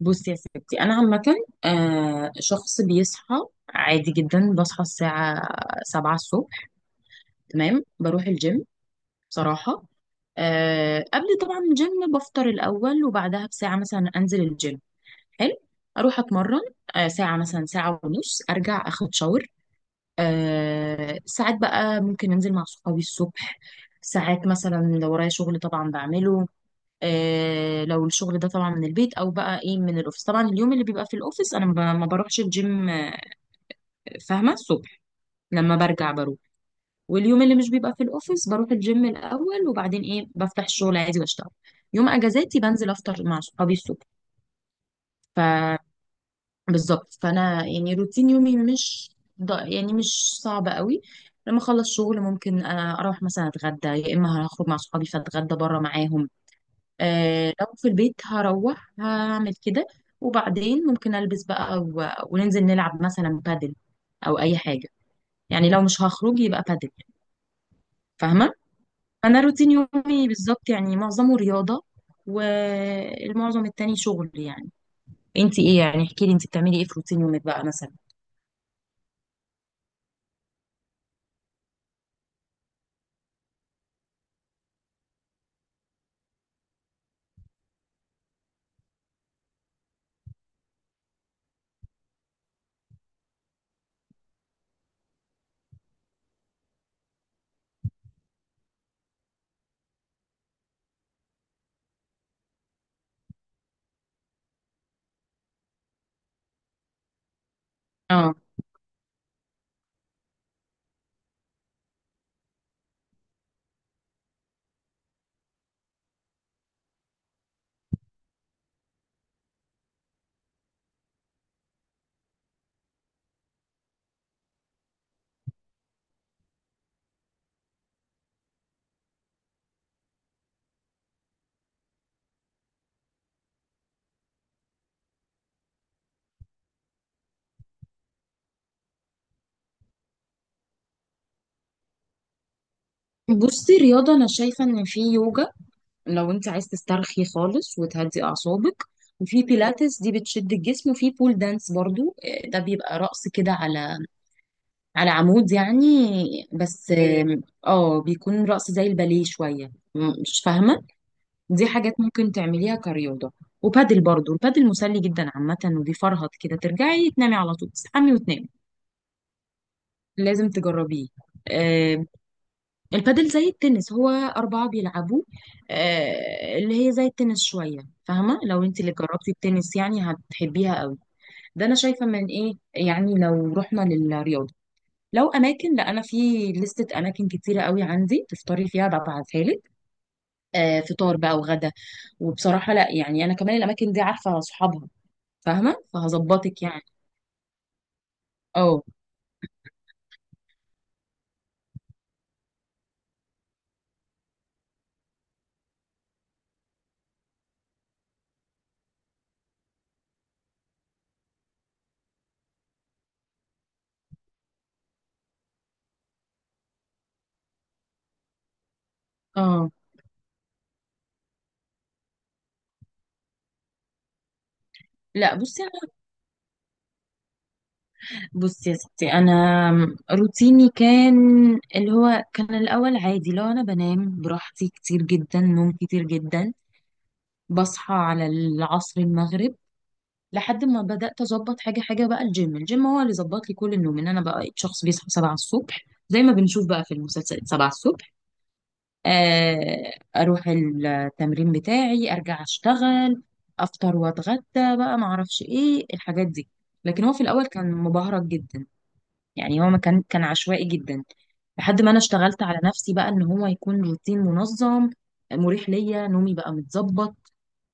بصي يا ستي انا عامه. شخص بيصحى عادي جدا، بصحى الساعه 7 الصبح. تمام، بروح الجيم بصراحه. قبل طبعا الجيم بفطر الاول، وبعدها بساعه مثلا انزل الجيم. حلو، اروح اتمرن. ساعه مثلا ساعه ونص ارجع اخد شاور. ساعات بقى ممكن انزل مع صحابي الصبح. ساعات مثلا لو ورايا شغل طبعا بعمله. لو الشغل ده طبعا من البيت او بقى ايه من الاوفيس، طبعا اليوم اللي بيبقى في الاوفيس انا ما بروحش الجيم فاهمه الصبح، لما برجع بروح. واليوم اللي مش بيبقى في الاوفيس بروح الجيم الاول وبعدين ايه بفتح الشغل عادي واشتغل. يوم اجازاتي بنزل افطر مع صحابي الصبح. فبالظبط فانا يعني روتين يومي مش يعني مش صعب قوي. لما اخلص شغل ممكن اروح مثلا اتغدى، يا اما هخرج مع صحابي فاتغدى بره معاهم. آه، لو في البيت هروح هعمل كده. وبعدين ممكن البس بقى وننزل نلعب مثلا بادل او اي حاجه. يعني لو مش هخرج يبقى بادل، فاهمه؟ انا روتين يومي بالظبط يعني معظمه رياضه، والمعظم التاني شغل يعني. انت ايه يعني؟ احكي لي انت بتعملي ايه في روتين يومك بقى مثلا. اه، بصي، رياضه انا شايفه ان في يوجا لو انت عايز تسترخي خالص وتهدي اعصابك، وفي بيلاتس دي بتشد الجسم، وفي بول دانس برضو. ده بيبقى رقص كده على على عمود يعني. بس اوكي، آم، اه بيكون رقص زي الباليه شوية مش فاهمة. دي حاجات ممكن تعمليها كرياضة. وبادل برضو، البادل مسلي جدا عامة، وبيفرهط كده ترجعي تنامي على طول، تصحي وتنامي. لازم تجربيه. آم، البادل زي التنس، هو أربعة بيلعبوه. اللي هي زي التنس شوية. فاهمة؟ لو انت اللي جربتي التنس يعني هتحبيها قوي. ده أنا شايفة من ايه يعني. لو رحنا للرياضة، لو اماكن، لا انا في لستة اماكن كتيرة قوي عندي تفطري فيها ببعتها لك. آه، فطار بقى وغدا. وبصراحة لا يعني انا كمان الاماكن دي عارفة اصحابها، فاهمة؟ فهظبطك يعني. اه اه. لا بصي أنا- بصي يا ستي، انا روتيني كان اللي هو كان الاول عادي، لو انا بنام براحتي كتير جدا، نوم كتير جدا، بصحى على العصر المغرب. لحد ما بدأت أظبط حاجة حاجة بقى، الجيم هو اللي ظبط لي كل النوم، إن أنا بقى شخص بيصحى سبعة الصبح، زي ما بنشوف بقى في المسلسلات، سبعة الصبح. أروح التمرين بتاعي أرجع أشتغل، أفطر وأتغدى بقى، معرفش إيه الحاجات دي. لكن هو في الأول كان مبهرج جدا، يعني هو ما كان عشوائي جدا، لحد ما أنا اشتغلت على نفسي بقى إن هو يكون روتين منظم، مريح ليا، نومي بقى متظبط،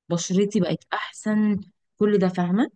بشرتي بقت أحسن، كل ده فاهمة.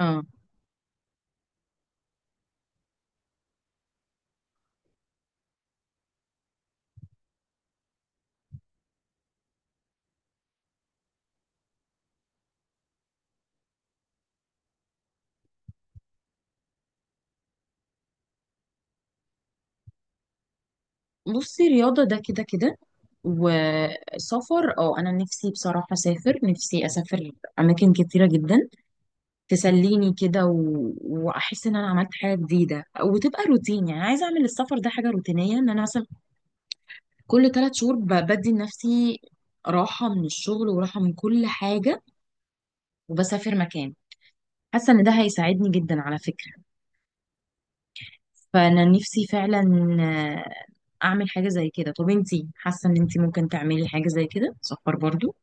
آه. بصي، رياضة ده كده كده. وسفر، اه انا نفسي بصراحة اسافر، نفسي اسافر اماكن كتيرة جدا، تسليني كده واحس ان انا عملت حاجة جديدة، وتبقى روتين يعني. عايزة اعمل السفر ده حاجة روتينية، ان انا مثلا كل ثلاث شهور بدي لنفسي راحة من الشغل وراحة من كل حاجة، وبسافر مكان. حاسة ان ده هيساعدني جدا على فكرة، فانا نفسي فعلا اعمل حاجة زي كده. طب انتي حاسة ان انتي ممكن تعملي حاجة زي كده، سفر برضو؟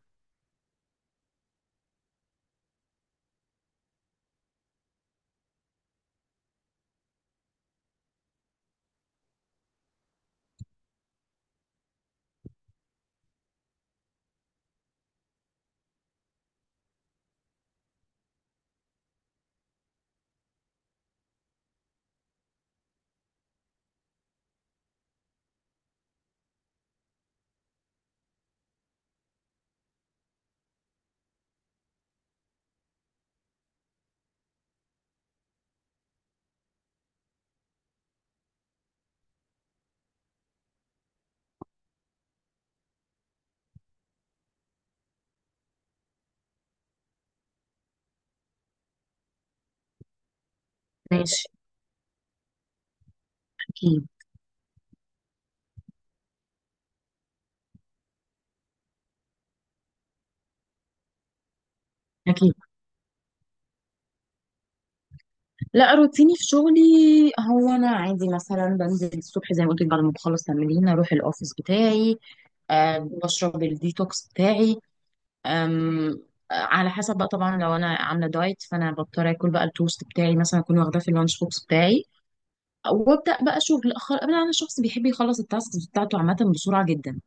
ماشي. اكيد. اكيد. لا روتيني في شغلي هو انا عادي مثلا بنزل الصبح زي ما قلت لك، بعد ما بخلص تمرين اروح الاوفيس بتاعي. أه بشرب الديتوكس بتاعي. أم، على حسب بقى طبعا، لو انا عامله دايت فانا بضطر اكل بقى التوست بتاعي مثلا، اكون واخداه في اللانش بوكس بتاعي. وابدا بقى شغل، أنا شخص بيحب يخلص التاسكس بتاعته عامه بسرعه جدا،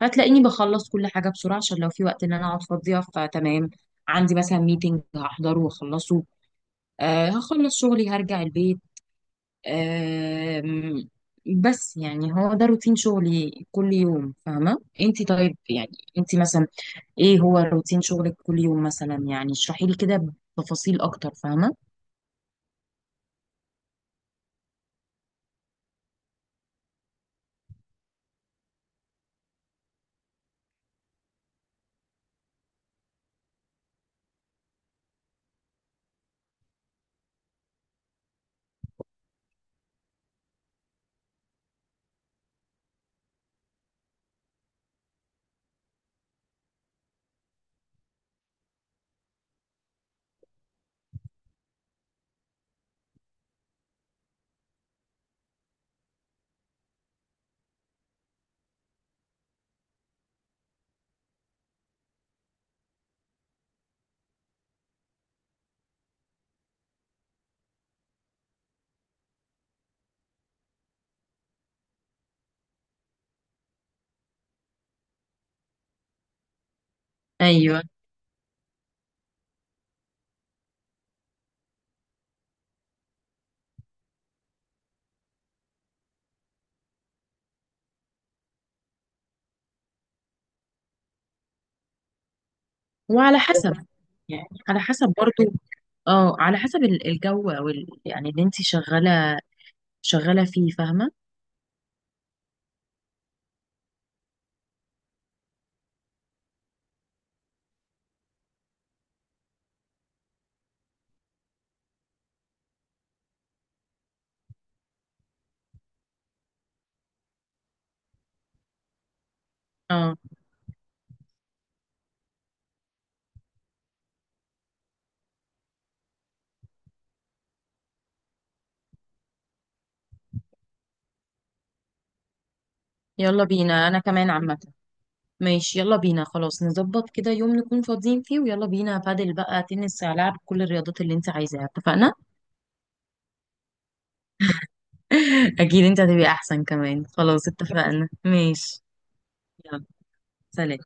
فتلاقيني بخلص كل حاجه بسرعه، عشان لو في وقت ان انا اقعد فاضيه فتمام. عندي مثلا ميتنج هحضره واخلصه. آه هخلص شغلي هرجع البيت. آه بس يعني هو ده روتين شغلي كل يوم، فاهمة انتي؟ طيب يعني انتي مثلا ايه هو روتين شغلك كل يوم مثلا؟ يعني اشرحي لي كده بتفاصيل اكتر، فاهمة؟ ايوه. وعلى حسب يعني، على حسب برضو، اه على حسب الجو او يعني اللي انتي شغالة فيه، فاهمة؟ اه، يلا بينا، انا كمان عامة، ماشي يلا بينا. خلاص نظبط كده يوم نكون فاضيين فيه، ويلا بينا بادل بقى، تنس، هلعب كل الرياضات اللي انت عايزاها. اتفقنا؟ اكيد، انت هتبقى احسن كمان. خلاص اتفقنا، ماشي، يلا سلام.